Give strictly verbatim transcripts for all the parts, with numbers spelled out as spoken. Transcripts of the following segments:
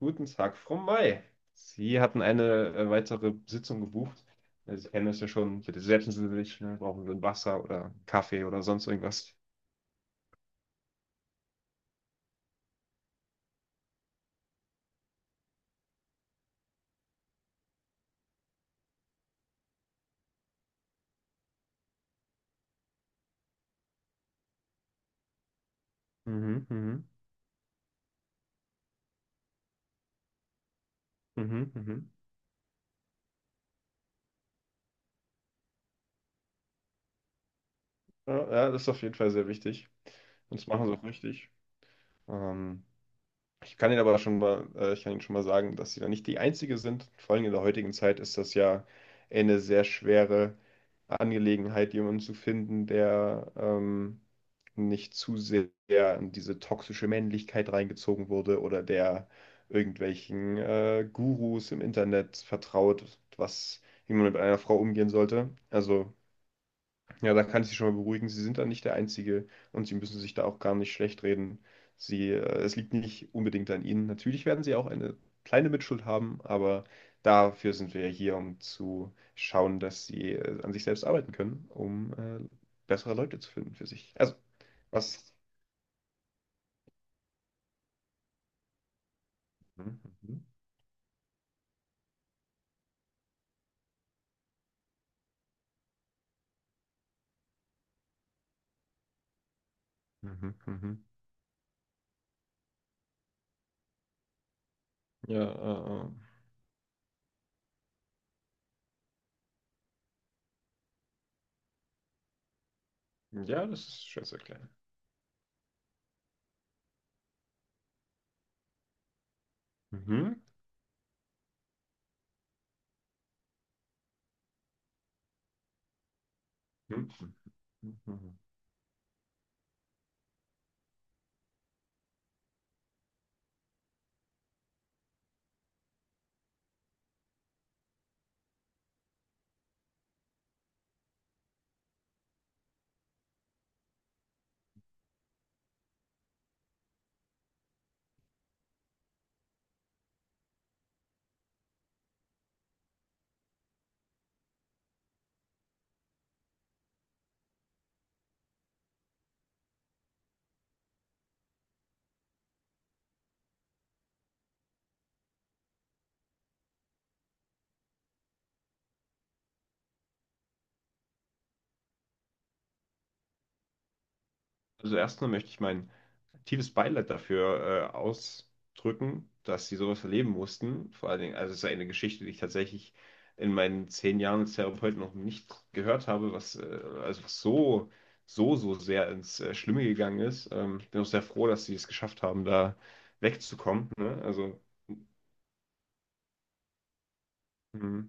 Guten Tag, Frau May. Sie hatten eine äh, weitere Sitzung gebucht. Äh, Sie kennen es ja schon. Bitte setzen Sie sich. Ne? Brauchen Sie ein Wasser oder Kaffee oder sonst irgendwas? Mhm, mhm, mhm, mhm. Ja, ja, das ist auf jeden Fall sehr wichtig. Und das machen Sie auch richtig. Ähm, Ich kann Ihnen aber schon mal, äh, ich kann Ihnen schon mal sagen, dass Sie da nicht die Einzige sind. Vor allem in der heutigen Zeit ist das ja eine sehr schwere Angelegenheit, jemanden zu finden, der ähm, nicht zu sehr in diese toxische Männlichkeit reingezogen wurde oder der irgendwelchen äh, Gurus im Internet vertraut, was, wie man mit einer Frau umgehen sollte. Also ja, da kann ich Sie schon mal beruhigen. Sie sind da nicht der Einzige und Sie müssen sich da auch gar nicht schlecht reden. Sie, äh, es liegt nicht unbedingt an Ihnen. Natürlich werden Sie auch eine kleine Mitschuld haben, aber dafür sind wir ja hier, um zu schauen, dass Sie äh, an sich selbst arbeiten können, um äh, bessere Leute zu finden für sich. Also, was? Mhm, mhm, mhm, mhm. Ja, äh, äh, ja, das ist schwer zu erklären. Mhm. Mhm. Also erstmal möchte ich mein tiefes Beileid dafür äh, ausdrücken, dass sie sowas erleben mussten. Vor allen Dingen, also es ist eine Geschichte, die ich tatsächlich in meinen zehn Jahren als Therapeut noch nicht gehört habe, was äh, also was so, so, so sehr ins äh, Schlimme gegangen ist. Ähm, ich bin auch sehr froh, dass sie es geschafft haben, da wegzukommen. Ne? Also, mh.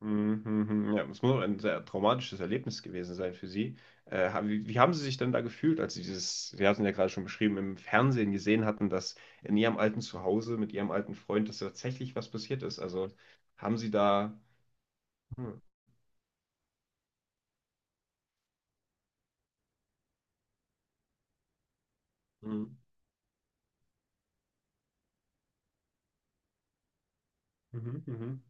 Mhm, mhm. Ja, es muss auch ein sehr traumatisches Erlebnis gewesen sein für Sie. Äh, ha- wie, wie haben Sie sich denn da gefühlt, als Sie dieses, Sie hatten ja gerade schon beschrieben, im Fernsehen gesehen hatten, dass in Ihrem alten Zuhause mit Ihrem alten Freund, dass tatsächlich was passiert ist? Also haben Sie da. Hm. Mhm. Mhm. Mhm.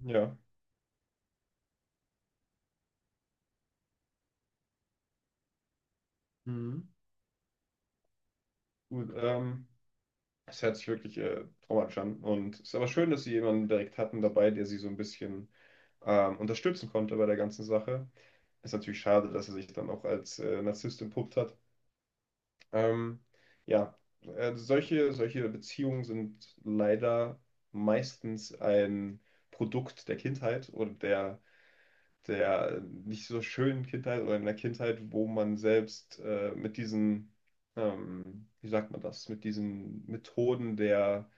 Ja. Mhm. Gut, ähm. Das hört sich wirklich äh, traumatisch an. Und es ist aber schön, dass sie jemanden direkt hatten dabei, der sie so ein bisschen ähm, unterstützen konnte bei der ganzen Sache. Ist natürlich schade, dass er sich dann auch als äh, Narzisst entpuppt hat. Ähm, ja, äh, solche, solche Beziehungen sind leider meistens ein Produkt der Kindheit oder der, der nicht so schönen Kindheit oder einer Kindheit, wo man selbst äh, mit diesen, ähm, wie sagt man das, mit diesen Methoden der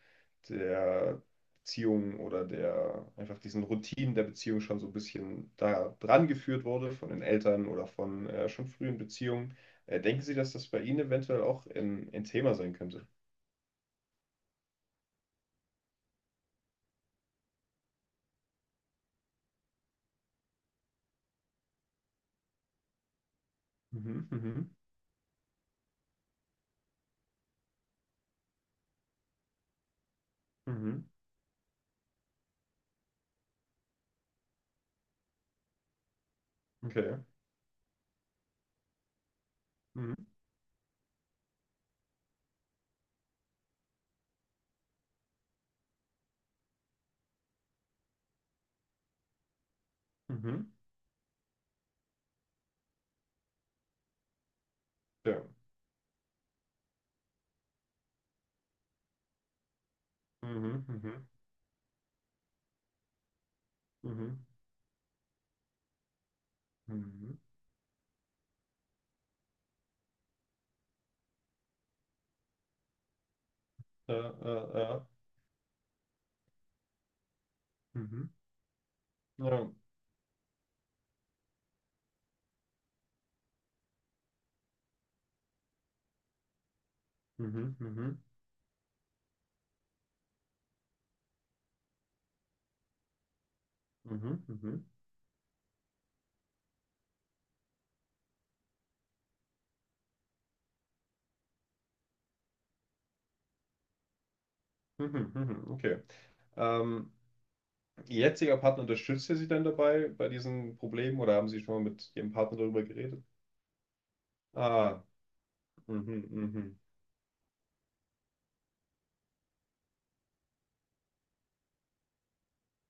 der Beziehung oder der einfach diesen Routinen der Beziehung schon so ein bisschen da dran geführt wurde von den Eltern oder von äh, schon frühen Beziehungen. Äh, denken Sie, dass das bei Ihnen eventuell auch ein, ein Thema sein könnte? Mhm, mhm, mhm, okay. Mhm, mhm, ja. Mhm, mhm, mhm, mhm. Ja, ja, ja. Mhm, ja. Mhm, mhm, mhm, mhm, mhm, mhm, mhm, okay. Ähm, Ihr jetziger Partner unterstützt ihr sie denn dabei bei diesen Problemen oder haben Sie schon mal mit Ihrem Partner darüber geredet? Ah, mhm, mhm,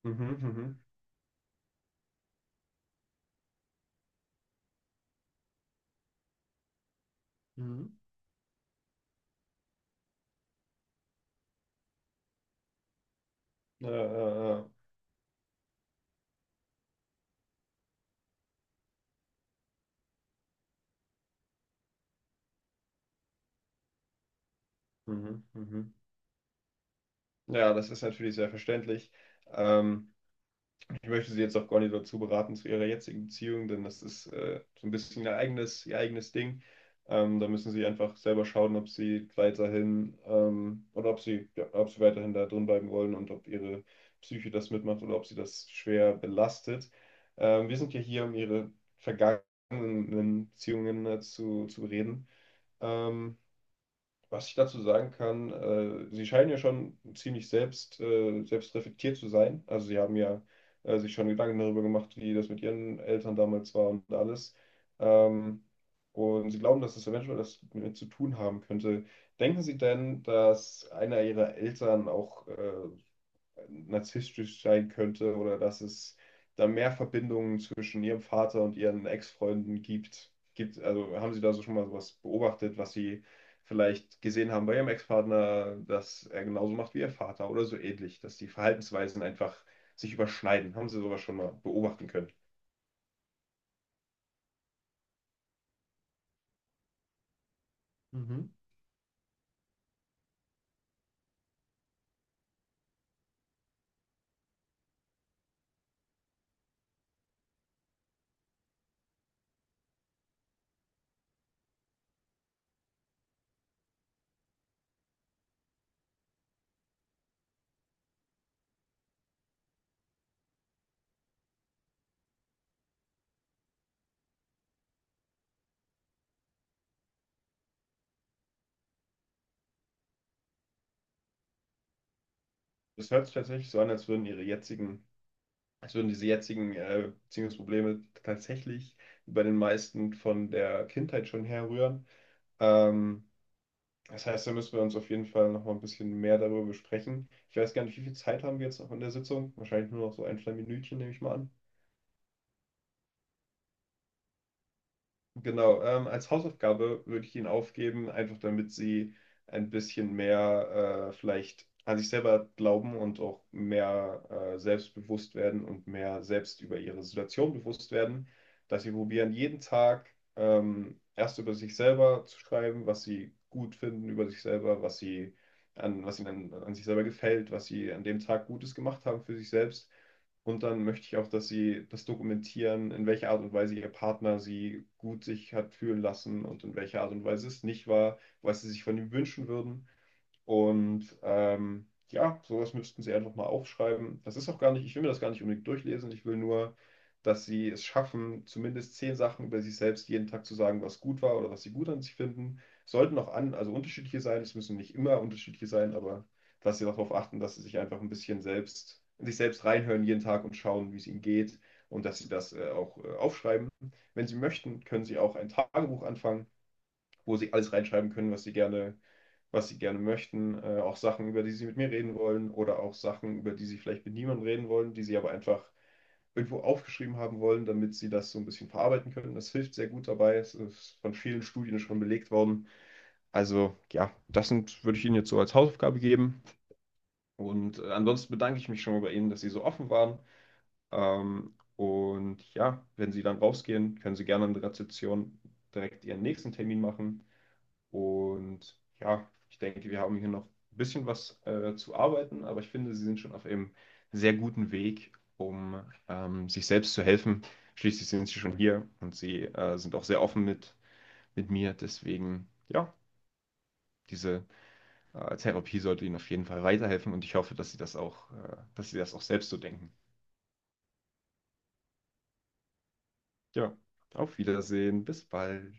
mhm, mhm, mhm. Ja, ja, ja. Mhm, mhm. Ja, das ist natürlich sehr verständlich. Ähm, Ich möchte sie jetzt auch gar nicht dazu beraten zu ihrer jetzigen Beziehung, denn das ist äh, so ein bisschen ihr eigenes, ihr eigenes Ding. Ähm, da müssen sie einfach selber schauen, ob sie weiterhin ähm, oder ob sie, ja, ob sie weiterhin da drin bleiben wollen und ob ihre Psyche das mitmacht oder ob sie das schwer belastet. Ähm, wir sind ja hier, um ihre vergangenen Beziehungen äh, zu, zu reden. Ähm, was ich dazu sagen kann, äh, sie scheinen ja schon ziemlich selbst, äh, selbstreflektiert zu sein. Also sie haben ja äh, sich schon Gedanken darüber gemacht, wie das mit ihren Eltern damals war und alles. Ähm, und sie glauben, dass es eventuell das mit zu tun haben könnte. Denken Sie denn, dass einer Ihrer Eltern auch äh, narzisstisch sein könnte oder dass es da mehr Verbindungen zwischen ihrem Vater und ihren Ex-Freunden gibt. Gibt, also haben Sie da so schon mal sowas beobachtet, was Sie vielleicht gesehen haben bei Ihrem Ex-Partner, dass er genauso macht wie Ihr Vater oder so ähnlich, dass die Verhaltensweisen einfach sich überschneiden? Haben Sie sowas schon mal beobachten können? Mhm. Das hört sich tatsächlich so an, als würden Ihre jetzigen, als würden diese jetzigen äh, Beziehungsprobleme tatsächlich bei den meisten von der Kindheit schon herrühren. Ähm, Das heißt, da müssen wir uns auf jeden Fall noch mal ein bisschen mehr darüber besprechen. Ich weiß gar nicht, wie viel Zeit haben wir jetzt noch in der Sitzung? Wahrscheinlich nur noch so ein, zwei Minütchen, nehme ich mal an. Genau, ähm, als Hausaufgabe würde ich ihn aufgeben, einfach damit sie ein bisschen mehr äh, vielleicht an sich selber glauben und auch mehr äh, selbstbewusst werden und mehr selbst über ihre Situation bewusst werden, dass sie probieren, jeden Tag ähm, erst über sich selber zu schreiben, was sie gut finden über sich selber, was sie an, was ihnen an, an sich selber gefällt, was sie an dem Tag Gutes gemacht haben für sich selbst und dann möchte ich auch, dass sie das dokumentieren, in welcher Art und Weise ihr Partner sie gut sich hat fühlen lassen und in welcher Art und Weise es nicht war, was sie sich von ihm wünschen würden. Und ähm, ja, sowas müssten Sie einfach mal aufschreiben. Das ist auch gar nicht, ich will mir das gar nicht unbedingt durchlesen. Ich will nur, dass Sie es schaffen, zumindest zehn Sachen über sich selbst jeden Tag zu sagen, was gut war oder was Sie gut an sich finden. Sollten auch an, also unterschiedliche sein. Es müssen nicht immer unterschiedliche sein, aber dass Sie darauf achten, dass Sie sich einfach ein bisschen selbst, in sich selbst reinhören jeden Tag und schauen, wie es Ihnen geht und dass Sie das äh, auch äh, aufschreiben. Wenn Sie möchten, können Sie auch ein Tagebuch anfangen, wo Sie alles reinschreiben können, was Sie gerne was sie gerne möchten, äh, auch Sachen, über die sie mit mir reden wollen oder auch Sachen, über die sie vielleicht mit niemandem reden wollen, die sie aber einfach irgendwo aufgeschrieben haben wollen, damit sie das so ein bisschen verarbeiten können. Das hilft sehr gut dabei. Es ist von vielen Studien schon belegt worden. Also ja, das sind, würde ich Ihnen jetzt so als Hausaufgabe geben. Und äh, ansonsten bedanke ich mich schon mal bei Ihnen, dass Sie so offen waren. Ähm, und ja, wenn Sie dann rausgehen, können Sie gerne an der Rezeption direkt Ihren nächsten Termin machen. Und ja, ich denke, wir haben hier noch ein bisschen was äh, zu arbeiten, aber ich finde, sie sind schon auf einem sehr guten Weg, um ähm, sich selbst zu helfen. Schließlich sind sie schon hier und sie äh, sind auch sehr offen mit, mit mir. Deswegen, ja, diese äh, Therapie sollte ihnen auf jeden Fall weiterhelfen und ich hoffe, dass sie das auch, äh, dass sie das auch selbst so denken. Ja, auf Wiedersehen, bis bald.